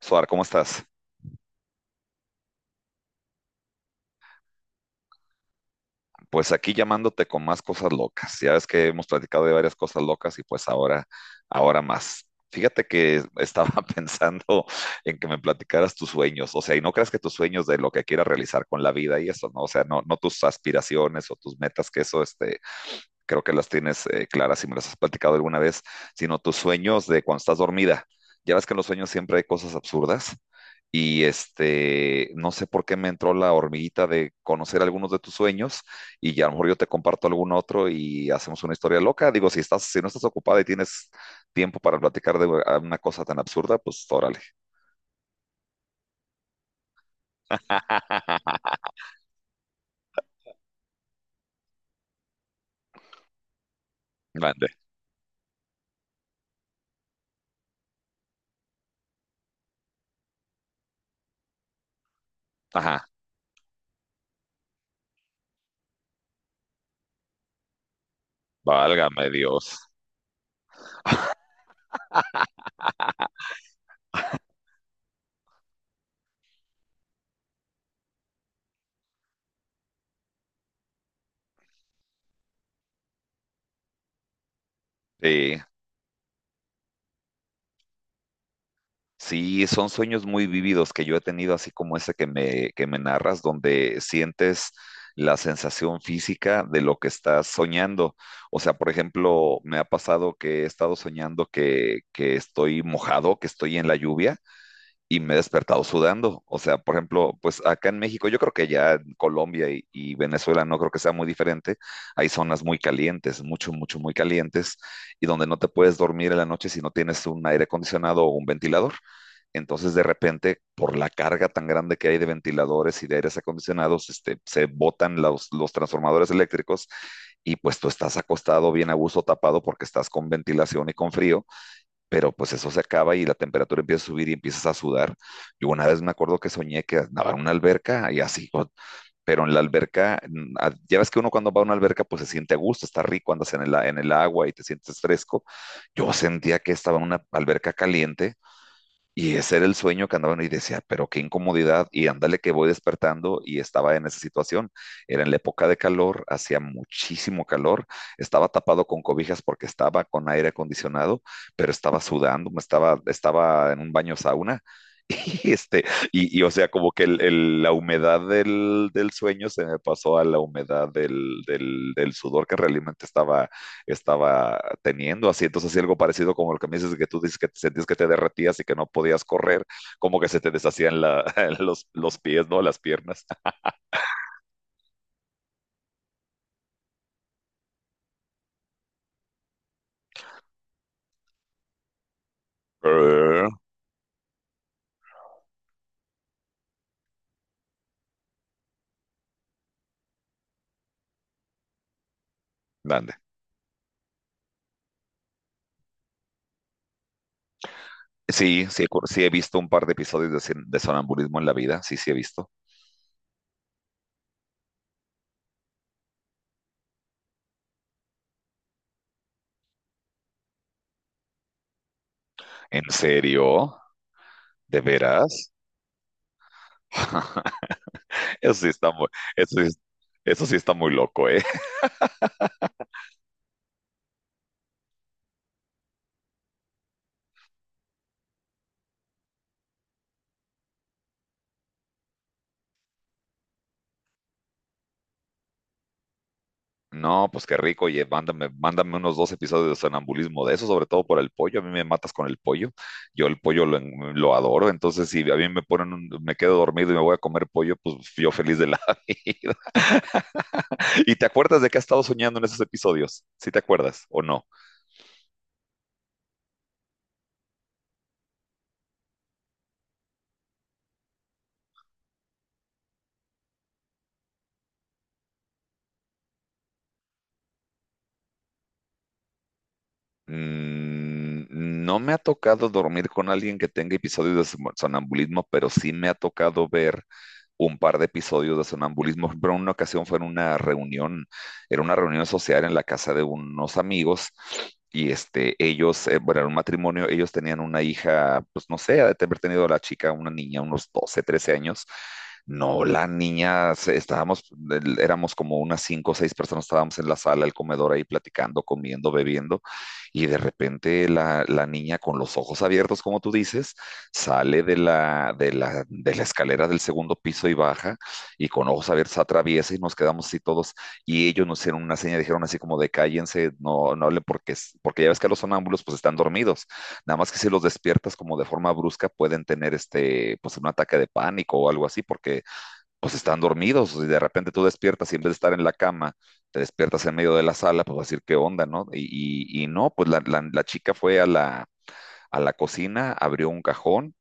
Suar, ¿cómo estás? Pues aquí llamándote con más cosas locas. Ya ves que hemos platicado de varias cosas locas y pues ahora más. Fíjate que estaba pensando en que me platicaras tus sueños, o sea, y no creas que tus sueños de lo que quieras realizar con la vida y eso, ¿no? O sea, no tus aspiraciones o tus metas, que eso, creo que las tienes claras si me las has platicado alguna vez, sino tus sueños de cuando estás dormida. Ya ves que en los sueños siempre hay cosas absurdas y no sé por qué me entró la hormiguita de conocer algunos de tus sueños y ya a lo mejor yo te comparto algún otro y hacemos una historia loca. Digo, si estás, si no estás ocupada y tienes tiempo para platicar de una cosa tan absurda, pues órale. Grande. Ajá. Válgame Dios. Sí. Sí, son sueños muy vívidos que yo he tenido, así como ese que que me narras, donde sientes la sensación física de lo que estás soñando. O sea, por ejemplo, me ha pasado que he estado soñando que estoy mojado, que estoy en la lluvia y me he despertado sudando. O sea, por ejemplo, pues acá en México, yo creo que ya en Colombia y Venezuela no creo que sea muy diferente. Hay zonas muy calientes, mucho, mucho, muy calientes, y donde no te puedes dormir en la noche si no tienes un aire acondicionado o un ventilador. Entonces, de repente, por la carga tan grande que hay de ventiladores y de aires acondicionados, se botan los transformadores eléctricos y pues tú estás acostado bien a gusto tapado porque estás con ventilación y con frío, pero pues eso se acaba y la temperatura empieza a subir y empiezas a sudar. Yo una vez me acuerdo que soñé que nadaba en una alberca y así, pero en la alberca, ya ves que uno cuando va a una alberca pues se siente a gusto, está rico, andas en el, en el agua y te sientes fresco. Yo sentía que estaba en una alberca caliente y ese era el sueño que andaban y decía, pero qué incomodidad. Y ándale que voy despertando y estaba en esa situación. Era en la época de calor, hacía muchísimo calor, estaba tapado con cobijas porque estaba con aire acondicionado, pero estaba sudando, estaba en un baño sauna. Y este, o sea, como que la humedad del sueño se me pasó a la humedad del sudor que realmente estaba teniendo, así entonces así algo parecido como lo que me dices que tú dices que sentías que te derretías y que no podías correr, como que se te deshacían los pies, ¿no? Las piernas. Eh, Grande. Sí, sí, sí he visto un par de episodios de, de sonambulismo en la vida, sí, sí he visto. ¿En serio? ¿De veras? Eso sí está muy, eso sí- eso sí está muy loco, ¿eh? No, pues qué rico, oye, mándame unos dos episodios de sonambulismo de eso, sobre todo por el pollo. A mí me matas con el pollo. Yo el pollo lo adoro, entonces si a mí me ponen, me quedo dormido y me voy a comer pollo, pues yo feliz de la vida. ¿Y te acuerdas de qué has estado soñando en esos episodios? ¿Sí te acuerdas o no? Mm, no me ha tocado dormir con alguien que tenga episodios de sonambulismo, pero sí me ha tocado ver un par de episodios de sonambulismo, pero en una ocasión fue en una reunión, era una reunión social en la casa de unos amigos era un matrimonio, ellos tenían una hija, pues no sé, ha de haber tenido la chica, una niña, unos 12, 13 años. No, la niña, éramos como unas cinco o seis personas, estábamos en la sala, el comedor ahí platicando, comiendo, bebiendo, y de repente la niña con los ojos abiertos, como tú dices, sale de de la escalera del segundo piso y baja, y con ojos abiertos atraviesa y nos quedamos así todos, y ellos nos hicieron una seña, dijeron así como de cállense, no hablen porque, porque ya ves que los sonámbulos pues están dormidos, nada más que si los despiertas como de forma brusca pueden tener pues un ataque de pánico o algo así, porque pues están dormidos, y de repente tú despiertas y en vez de estar en la cama, te despiertas en medio de la sala, pues vas a decir qué onda, ¿no? Y no, pues la chica fue a la cocina, abrió un cajón,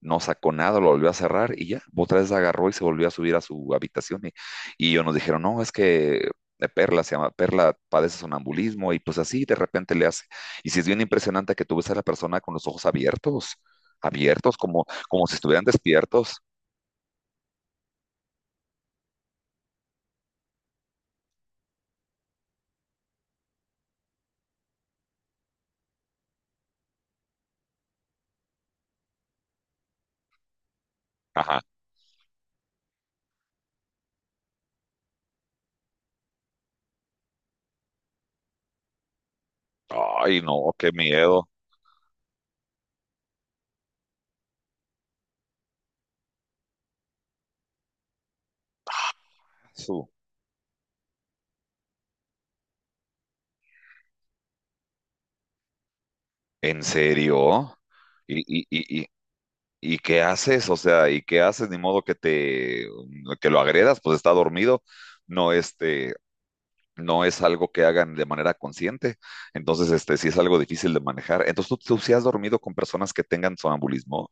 no sacó nada, lo volvió a cerrar y ya, otra vez agarró y se volvió a subir a su habitación y ellos nos dijeron, no, es que Perla se llama, Perla padece sonambulismo y pues así de repente le hace. Y si es bien impresionante que tú ves a la persona con los ojos abiertos, abiertos, como, como si estuvieran despiertos. Ajá. Ay, no, qué miedo. Su- ¿En serio? ¿Y, y, y, y, y qué haces? O sea, ¿y qué haces? Ni modo que te, que lo agredas, pues está dormido. No, no es algo que hagan de manera consciente, entonces este sí es algo difícil de manejar. Entonces tú si has dormido con personas que tengan sonambulismo,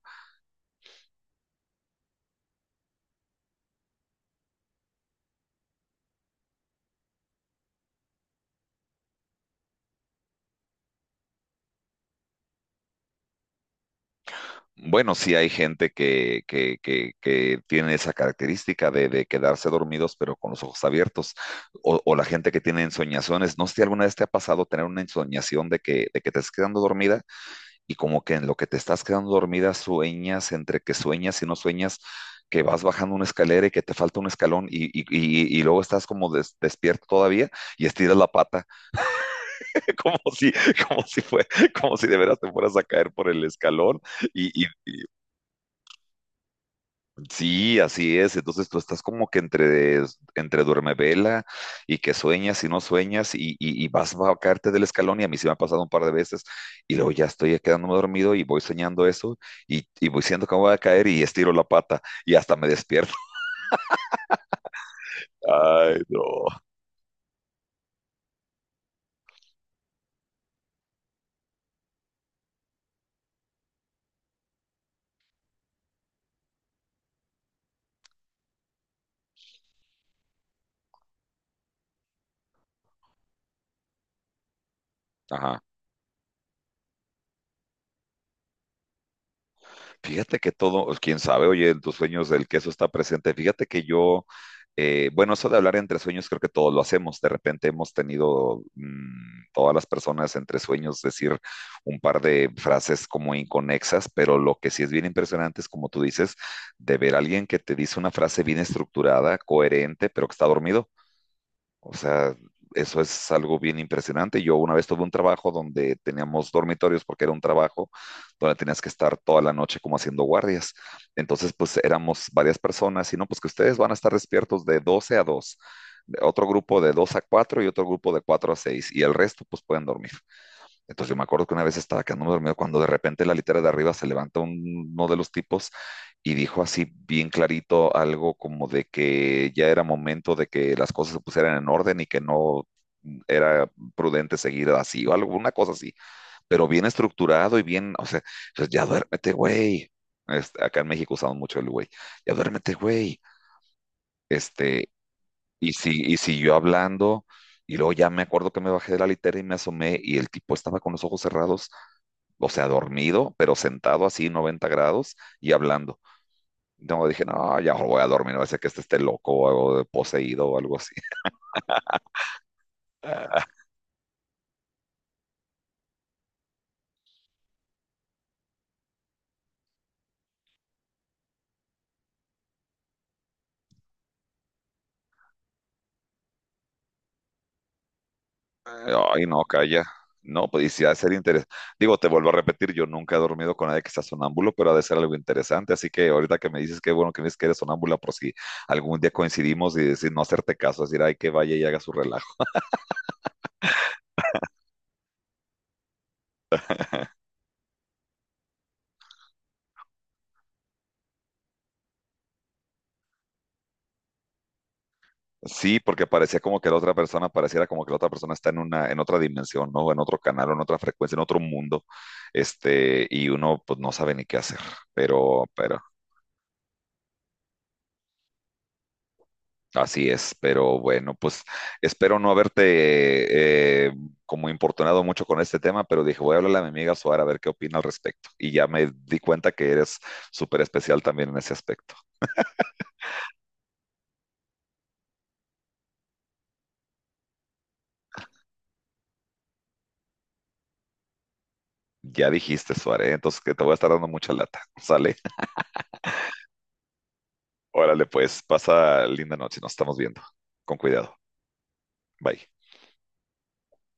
bueno, sí hay gente que tiene esa característica de quedarse dormidos pero con los ojos abiertos, o la gente que tiene ensoñaciones, no sé si alguna vez te ha pasado tener una ensoñación de de que te estás quedando dormida y como que en lo que te estás quedando dormida sueñas, entre que sueñas y no sueñas, que vas bajando una escalera y que te falta un escalón y luego estás como despierto todavía y estiras la pata, como si, como si fue, como si de veras te fueras a caer por el escalón y, y- Sí, así es. Entonces tú estás como que entre duerme vela y que sueñas y no sueñas y vas a caerte del escalón y a mí sí me ha pasado un par de veces y luego ya estoy quedándome dormido y voy soñando eso y voy siendo que me voy a caer y estiro la pata y hasta me despierto. Ay, no. Ajá. Fíjate que todo, pues, quién sabe, oye, en tus sueños el queso está presente. Bueno, eso de hablar entre sueños creo que todos lo hacemos. De repente hemos tenido todas las personas entre sueños decir un par de frases como inconexas, pero lo que sí es bien impresionante es, como tú dices, de ver a alguien que te dice una frase bien estructurada, coherente, pero que está dormido. O sea, eso es algo bien impresionante. Yo una vez tuve un trabajo donde teníamos dormitorios porque era un trabajo donde tenías que estar toda la noche como haciendo guardias. Entonces, pues éramos varias personas y no, pues que ustedes van a estar despiertos de 12 a 2, de otro grupo de 2 a 4 y otro grupo de 4 a 6 y el resto pues pueden dormir. Entonces yo me acuerdo que una vez estaba quedándome dormido cuando de repente la litera de arriba se levanta uno de los tipos y dijo así bien clarito algo como de que ya era momento de que las cosas se pusieran en orden y que no era prudente seguir así o alguna cosa así, pero bien estructurado y bien, o sea, pues, ya duérmete, güey. Acá en México usamos mucho el güey, ya duérmete, güey. Este, y, si, y siguió hablando, y luego ya me acuerdo que me bajé de la litera y me asomé, y el tipo estaba con los ojos cerrados, o sea, dormido, pero sentado así, 90 grados, y hablando. No, dije, no, ya voy a dormir, no va a ser que este esté loco o algo poseído o algo así. Ay, no, calla. No, pues y si ha de ser interesante. Digo, te vuelvo a repetir, yo nunca he dormido con nadie que sea sonámbulo, pero ha de ser algo interesante. Así que ahorita que me dices que bueno que me dices que eres sonámbula, por si algún día coincidimos y decir no hacerte caso, decir, ay, que vaya y haga su relajo. Sí, porque parecía como que la otra persona, pareciera como que la otra persona está en una, en otra dimensión, ¿no? En otro canal, o en otra frecuencia, en otro mundo, y uno pues no sabe ni qué hacer, pero, pero, así es, pero bueno, pues espero no haberte como importunado mucho con este tema, pero dije, voy a hablarle a mi amiga Suara a ver qué opina al respecto, y ya me di cuenta que eres súper especial también en ese aspecto. Ya dijiste, Suárez, entonces que te voy a estar dando mucha lata, ¿sale? Órale, pues, pasa linda noche, nos estamos viendo, con cuidado. Bye.